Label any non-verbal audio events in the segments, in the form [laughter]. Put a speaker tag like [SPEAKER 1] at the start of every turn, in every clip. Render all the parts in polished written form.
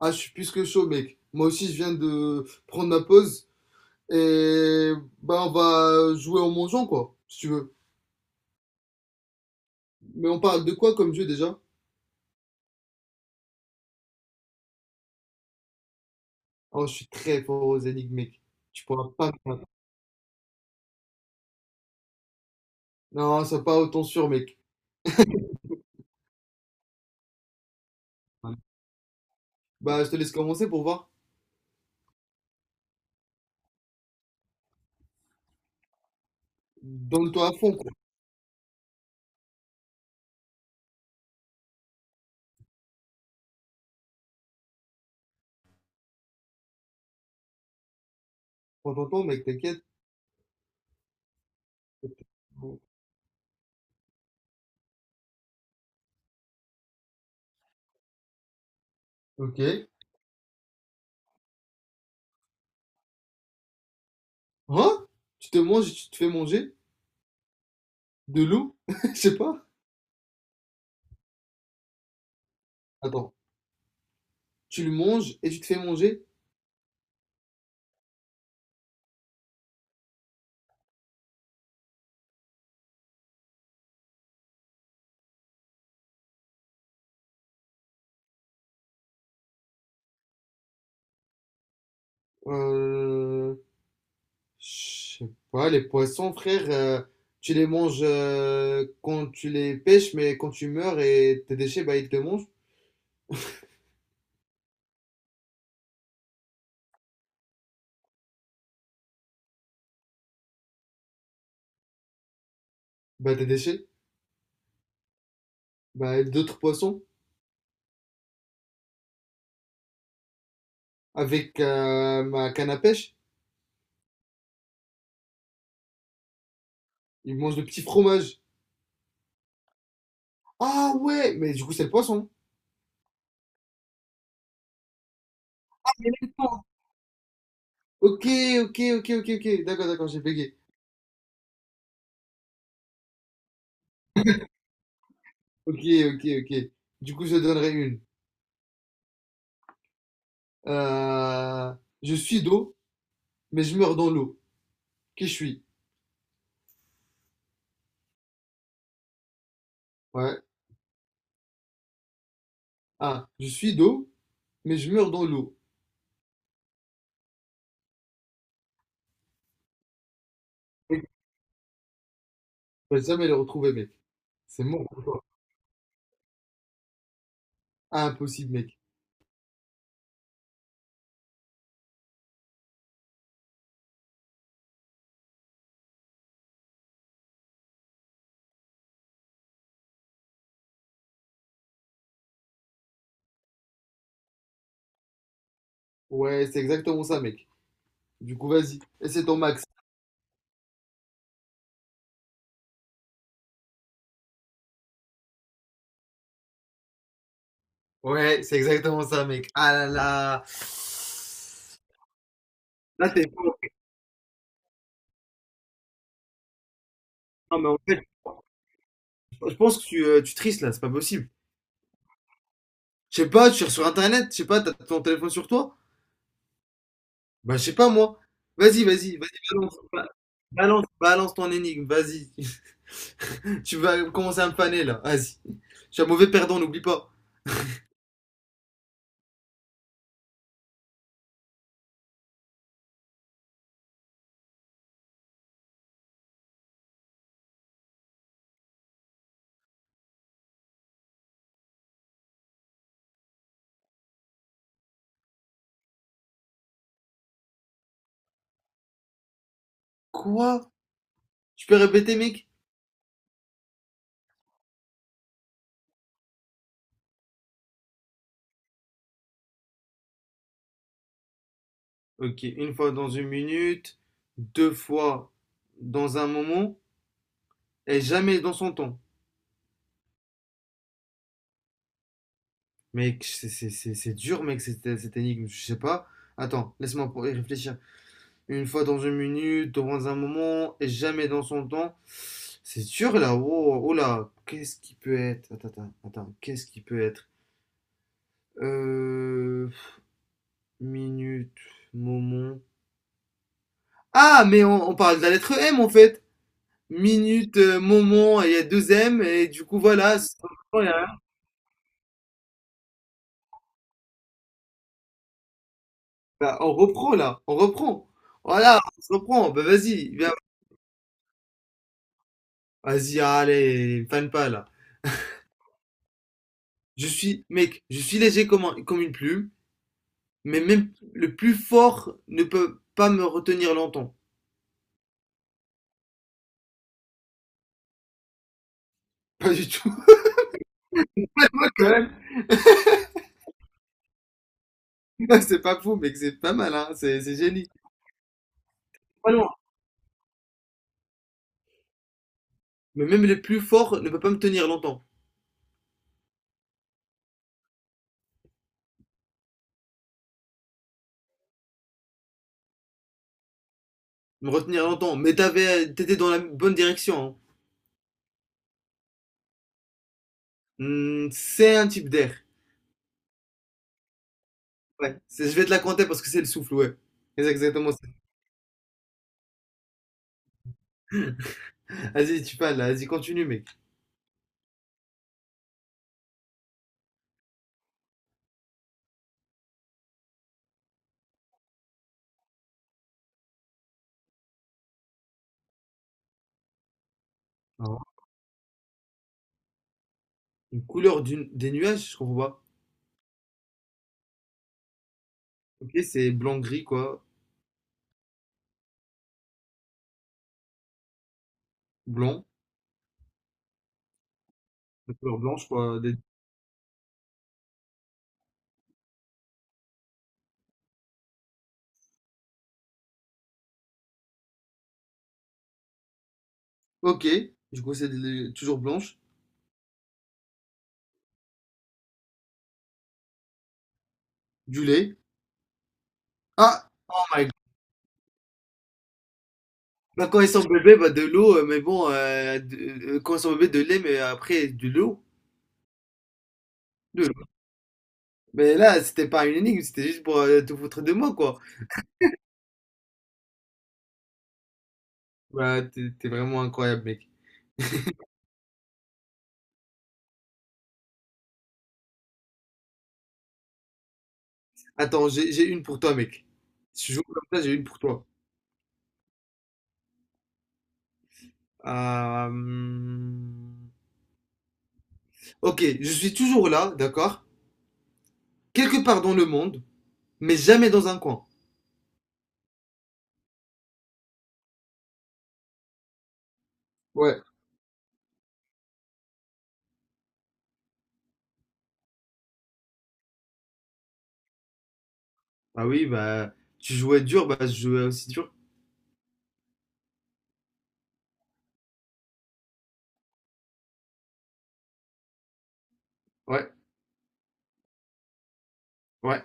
[SPEAKER 1] Ah, je suis plus que chaud, mec. Moi aussi, je viens de prendre ma pause. Et bah, on va jouer en mangeant, quoi, si tu veux. Mais on parle de quoi comme jeu déjà? Oh, je suis très fort aux énigmes, mec. Tu pourras pas me battre. Non, ça pas autant sûr, mec. Bah, je te laisse commencer pour voir. Donne-toi à fond, quoi. Prends ton temps, mec, t'inquiète. Ok. Hein? Tu te manges et tu te fais manger? De loup? [laughs] Je sais pas. Attends. Tu le manges et tu te fais manger? Euh... Je sais pas, les poissons, frère, tu les manges quand tu les pêches, mais quand tu meurs et tes déchets, bah, ils te mangent. Bah, tes déchets. Bah, d'autres poissons. Avec ma canne à pêche, ils mangent le petit fromage. Ah ouais, mais du coup, c'est le poisson. Ok, ok, ok, ok, ok. D'accord, d'accord, j'ai bugué. Ok, ok, ok. Du coup, je donnerai une. Euh, je suis d'eau, mais je meurs dans l'eau. Qui je suis? Ouais. Ah, je suis d'eau, mais je meurs dans l'eau. Ok, je ne vais jamais le retrouver, mec. C'est mort pour toi. Impossible, mec. Ouais, c'est exactement ça, mec. Du coup, vas-y. Et c'est ton max. Ouais, c'est exactement ça, mec. Ah là là. Là, t'es pas. Non, mais en fait, je pense que tu tristes là, c'est pas possible. Je sais pas, tu cherches sur Internet. Je sais pas, t'as ton téléphone sur toi? Bah, je sais pas, moi. Vas-y, vas-y, vas-y, balance. Balance, balance ton énigme, vas-y. [laughs] Tu vas commencer à me faner, là. Vas-y. Je suis un mauvais perdant, n'oublie pas. Quoi? Tu peux répéter, mec? Ok, une fois dans une minute, deux fois dans un moment, et jamais dans son temps. Mec, c'est dur, mec, cette énigme, je sais pas. Attends, laisse-moi y réfléchir. Une fois dans une minute, dans un moment, et jamais dans son temps. C'est dur là, oh, oh là, qu'est-ce qui peut être? Attends, attends, attends, qu'est-ce qui peut être? Euh, minute, moment. Ah, mais on parle de la lettre M en fait. Minute, moment, et il y a deux M, et du coup, voilà. Bah, on reprend là, on reprend. Voilà, on se reprend. Bah, vas-y, viens. Vas-y, allez, fan pas là. Je suis, mec, je suis léger comme une plume, mais même le plus fort ne peut pas me retenir longtemps. [laughs] Pas du tout. [laughs] Moi, quand même. [laughs] C'est pas fou, mec, c'est pas mal, hein. C'est génie. Pas loin. Mais même le plus fort ne peut pas me tenir longtemps. Me retenir longtemps, mais t'étais dans la bonne direction, hein. Hmm, c'est un type d'air. Je vais te la compter parce que c'est le souffle, ouais. C'est exactement ça. Vas-y, tu parles, là. Vas-y, continue, mec. Alors, une couleur des nuages, je comprends pas. Ok, c'est blanc-gris, quoi. Blanc. Une couleur blanche, quoi. Ok, du coup, c'est toujours blanche. Du lait. Ah! Oh my god. Bah, quand ils sont bébés, bah, de l'eau, mais bon, quand ils sont bébés, de lait, mais après, de l'eau. De l'eau. Mais là, c'était pas une énigme, c'était juste pour te foutre de moi, quoi. Bah, t'es vraiment incroyable, mec. Attends, j'ai une pour toi, mec. Si tu joues comme ça, j'ai une pour toi. Euh, hum, Ok, je suis toujours là, d'accord? Quelque part dans le monde, mais jamais dans un coin. Ouais. Ah oui, bah, tu jouais dur, bah, je jouais aussi dur. Ouais, ouais.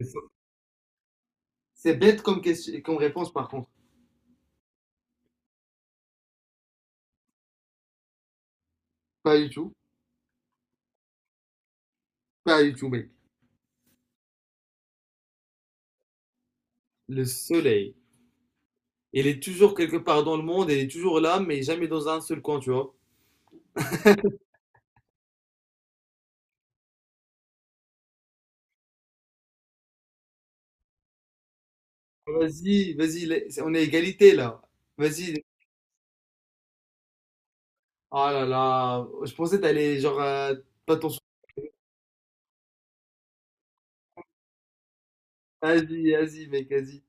[SPEAKER 1] C'est ça. C'est bête comme question, comme réponse, par contre. Pas du tout. Pas du tout, mec. Le soleil. Il est toujours quelque part dans le monde, il est toujours là, mais jamais dans un seul coin, tu vois. Vas-y, vas-y, on est à égalité, là. Vas-y, oh là là, je pensais que t'allais genre pas ton sou- Asie, Asie, mec, y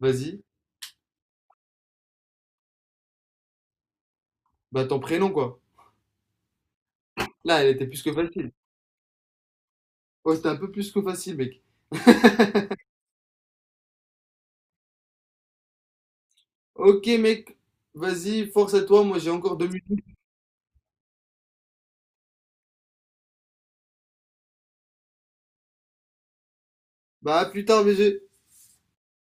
[SPEAKER 1] Vas-y, bah ton prénom quoi. Là, elle était plus que facile. Oh, c'était un peu plus que facile, mec. Ok, mec, vas-y, force à toi, moi j'ai encore 2 minutes. Bah à plus tard, BG.